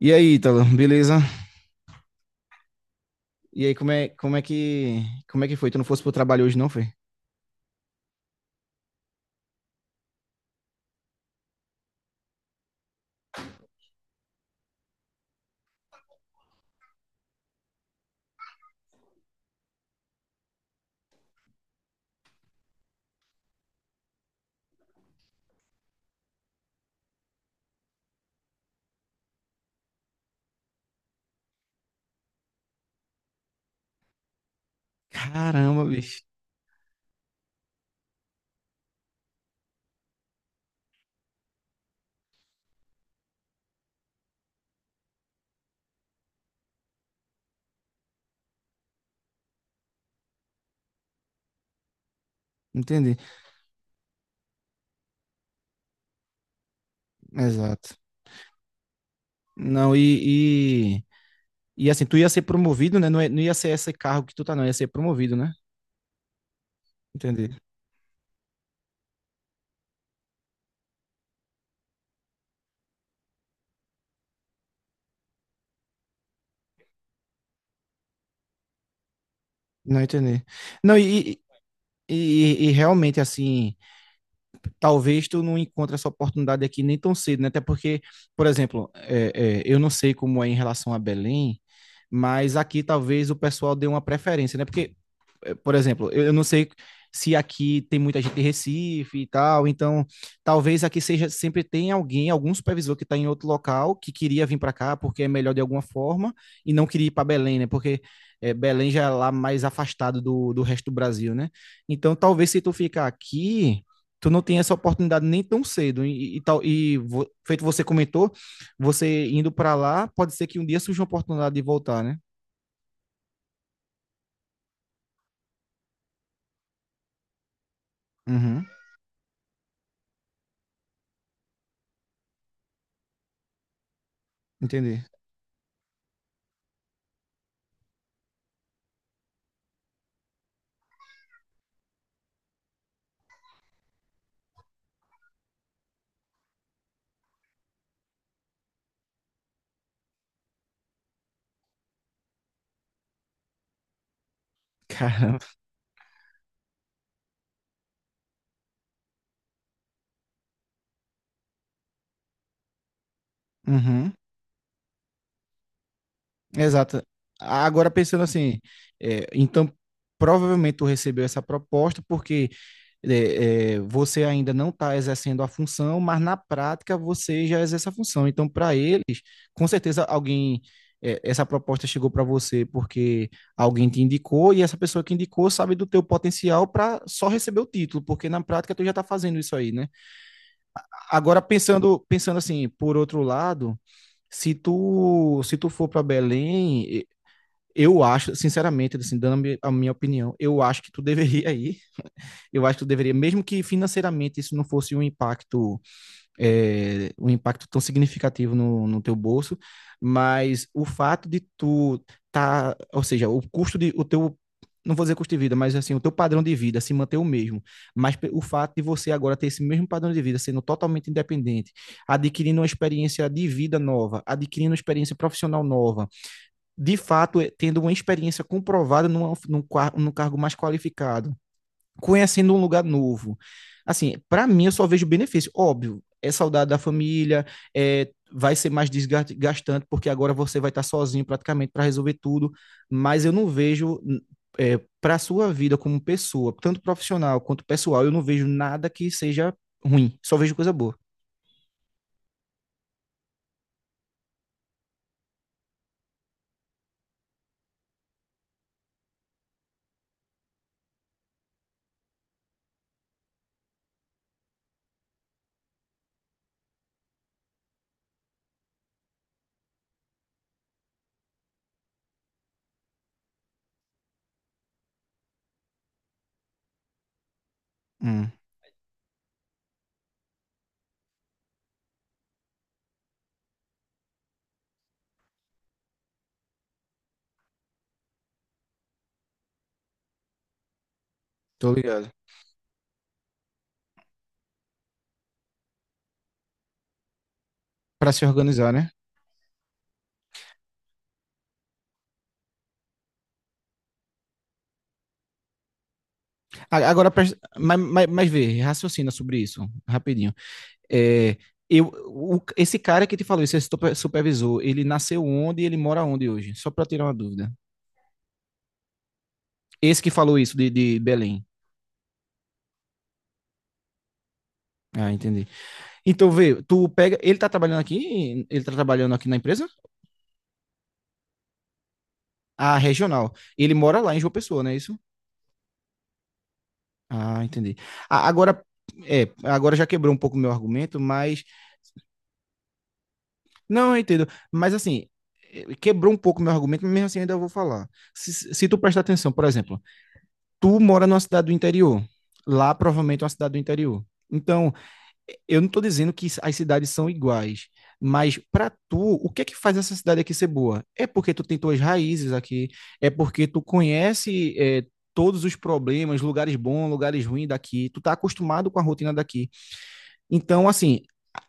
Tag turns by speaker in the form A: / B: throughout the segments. A: E aí, Ítalo, beleza? E aí, como é que foi? Tu não fosse pro trabalho hoje, não foi? Caramba, bicho. Entendi. Exato. Não, e assim, tu ia ser promovido, né? Não, não ia ser esse cargo que tu tá, não. Ia ser promovido, né? Entendi. Não entendi. Não, e realmente, assim, talvez tu não encontre essa oportunidade aqui nem tão cedo, né? Até porque, por exemplo, eu não sei como é em relação a Belém, mas aqui talvez o pessoal dê uma preferência, né? Porque, por exemplo, eu não sei se aqui tem muita gente de Recife e tal, então talvez aqui seja sempre tem alguém, algum supervisor que está em outro local que queria vir para cá porque é melhor de alguma forma e não queria ir para Belém, né? Porque Belém já é lá mais afastado do resto do Brasil, né? Então talvez se tu ficar aqui tu não tenha essa oportunidade nem tão cedo e tal feito você comentou, você indo para lá pode ser que um dia surja uma oportunidade de voltar, né? Uhum. Entendi. Caramba. Uhum. Exato. Agora pensando assim, então provavelmente tu recebeu essa proposta porque você ainda não está exercendo a função, mas na prática você já exerce a função. Então, para eles, com certeza alguém essa proposta chegou para você porque alguém te indicou, e essa pessoa que indicou sabe do teu potencial para só receber o título, porque na prática tu já está fazendo isso aí, né? Agora pensando assim, por outro lado, se tu for para Belém, eu acho, sinceramente, assim, dando a minha opinião, eu acho que tu deveria ir. Eu acho que tu deveria, mesmo que financeiramente isso não fosse um impacto, um impacto tão significativo no teu bolso, mas o fato de tu tá, ou seja, o custo de, o teu, não vou dizer custo de vida, mas assim, o teu padrão de vida se manter o mesmo, mas o fato de você agora ter esse mesmo padrão de vida, sendo totalmente independente, adquirindo uma experiência de vida nova, adquirindo uma experiência profissional nova, de fato tendo uma experiência comprovada numa, num cargo mais qualificado, conhecendo um lugar novo. Assim, para mim, eu só vejo benefício. Óbvio, é saudade da família, vai ser mais desgastante, porque agora você vai estar sozinho praticamente para resolver tudo, mas eu não vejo. Para a sua vida como pessoa, tanto profissional quanto pessoal, eu não vejo nada que seja ruim, só vejo coisa boa. Hum. Tô ligado. Para se organizar, né? Agora, mas vê, raciocina sobre isso, rapidinho. É, Esse cara que te falou, esse supervisor, ele nasceu onde e ele mora onde hoje? Só para tirar uma dúvida. Esse que falou isso de Belém. Ah, entendi. Então, vê, tu pega. Ele tá trabalhando aqui? Ele tá trabalhando aqui na empresa? Ah, regional. Ele mora lá em João Pessoa, não é isso? Ah, entendi. A- Agora, agora já quebrou um pouco o meu argumento, mas. Não, eu entendo. Mas assim, quebrou um pouco meu argumento, mas mesmo assim ainda vou falar. Se tu prestar atenção, por exemplo, tu mora numa cidade do interior. Lá provavelmente é uma cidade do interior. Então, eu não estou dizendo que as cidades são iguais, mas para tu, o que é que faz essa cidade aqui ser boa? É porque tu tem tuas raízes aqui, é porque tu conhece todos os problemas, lugares bons, lugares ruins daqui, tu tá acostumado com a rotina daqui. Então, assim,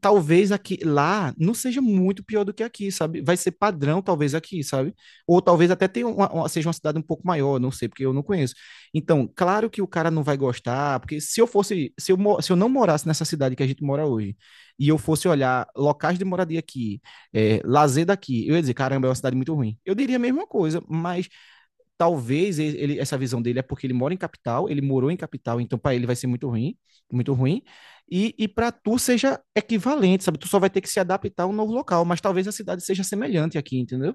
A: talvez aqui lá não seja muito pior do que aqui, sabe? Vai ser padrão, talvez aqui, sabe? Ou talvez até tenha seja uma cidade um pouco maior, não sei, porque eu não conheço. Então, claro que o cara não vai gostar, porque se eu fosse, se eu, mo- se eu não morasse nessa cidade que a gente mora hoje, e eu fosse olhar locais de moradia aqui, lazer daqui, eu ia dizer, caramba, é uma cidade muito ruim. Eu diria a mesma coisa, mas talvez essa visão dele é porque ele mora em capital, ele morou em capital, então para ele vai ser muito ruim, muito ruim. E para tu seja equivalente, sabe? Tu só vai ter que se adaptar a um novo local, mas talvez a cidade seja semelhante aqui, entendeu?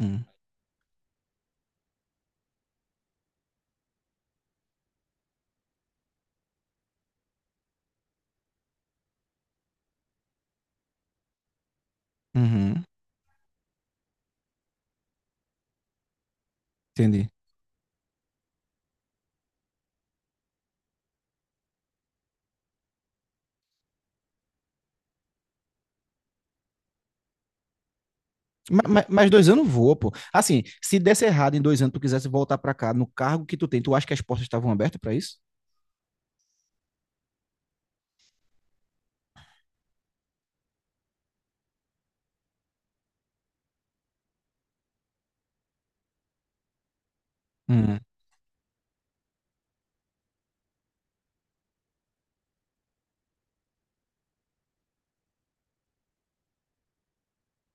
A: Hum. Uhum. Entendi. Mas, dois anos voa, pô. Assim, se desse errado em dois anos, tu quisesse voltar para cá no cargo que tu tem, tu acha que as portas estavam abertas para isso? Hum.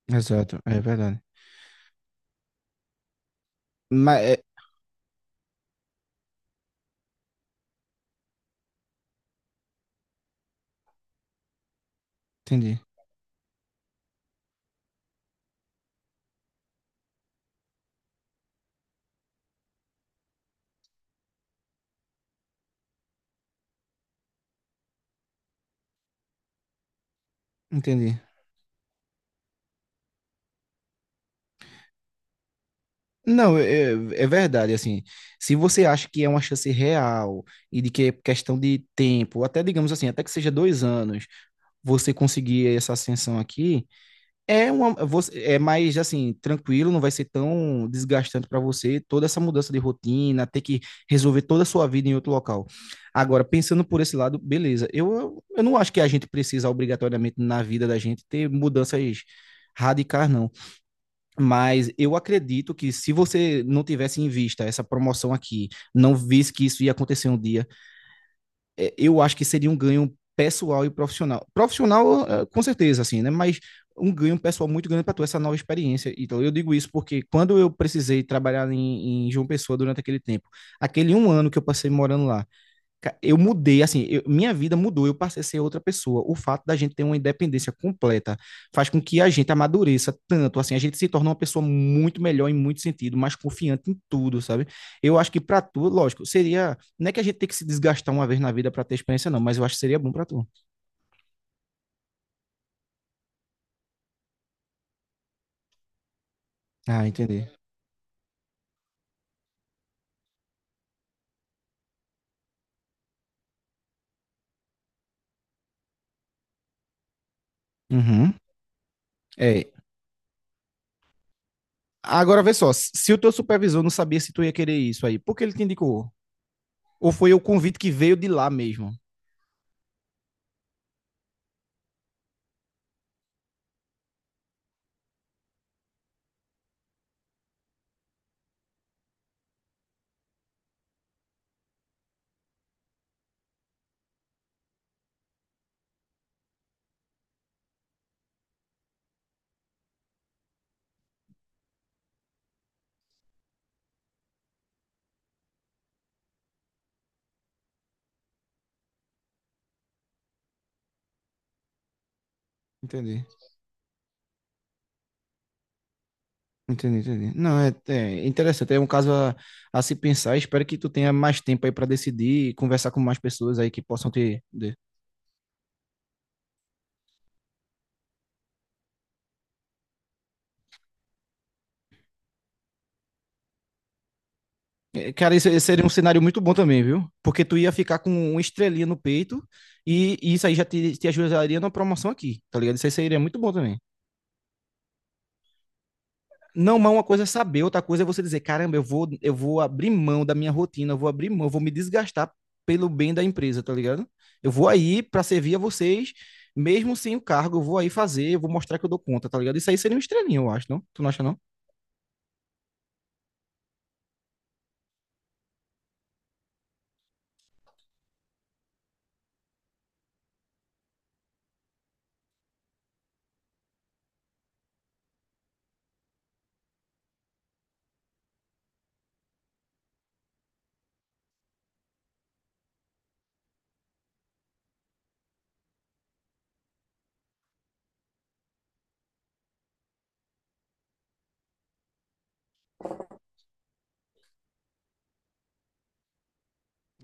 A: Exato, é verdade. Mas, entendi, entendi. Não, é, verdade, assim, se você acha que é uma chance real e de que é questão de tempo, até digamos assim, até que seja dois anos, você conseguir essa ascensão aqui, é mais, assim, tranquilo, não vai ser tão desgastante para você toda essa mudança de rotina, ter que resolver toda a sua vida em outro local. Agora, pensando por esse lado, beleza, eu não acho que a gente precisa obrigatoriamente na vida da gente ter mudanças radicais, não. Mas eu acredito que se você não tivesse em vista essa promoção aqui, não visse que isso ia acontecer um dia, eu acho que seria um ganho pessoal e profissional. Profissional, é, com certeza, assim, né? Mas um ganho pessoal muito grande para tu, essa nova experiência. Então, eu digo isso porque quando eu precisei trabalhar em João Pessoa durante aquele tempo, aquele um ano que eu passei morando lá, eu mudei, assim, minha vida mudou, eu passei a ser outra pessoa. O fato da gente ter uma independência completa faz com que a gente amadureça tanto, assim, a gente se torna uma pessoa muito melhor em muito sentido, mais confiante em tudo, sabe? Eu acho que pra tu, lógico, seria, não é que a gente tem que se desgastar uma vez na vida pra ter experiência, não, mas eu acho que seria bom pra tu. Ah, entendi. Uhum. É. Agora vê só, se o teu supervisor não sabia se tu ia querer isso aí, por que ele te indicou? Ou foi o convite que veio de lá mesmo? Entendi. Entendi, entendi. Não, é interessante. É um caso a se pensar. Espero que tu tenha mais tempo aí para decidir e conversar com mais pessoas aí que possam te. É, cara, esse seria um cenário muito bom também, viu? Porque tu ia ficar com uma estrelinha no peito e isso aí já te ajudaria na promoção aqui, tá ligado? Isso aí seria muito bom também. Não, mas uma coisa é saber, outra coisa é você dizer, caramba, eu vou abrir mão da minha rotina, eu vou abrir mão, eu vou me desgastar pelo bem da empresa, tá ligado? Eu vou aí para servir a vocês, mesmo sem o cargo, eu vou aí fazer, eu vou mostrar que eu dou conta, tá ligado? Isso aí seria um estrelinho, eu acho, não? Tu não acha, não?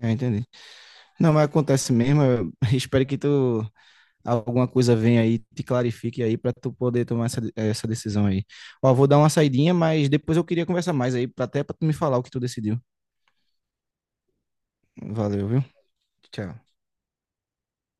A: É, entendi. Não, mas acontece mesmo, eu espero que tu, alguma coisa venha aí, te clarifique aí para tu poder tomar essa decisão aí. Ó, vou dar uma saidinha, mas depois eu queria conversar mais aí, até pra tu me falar o que tu decidiu. Valeu, viu? Tchau.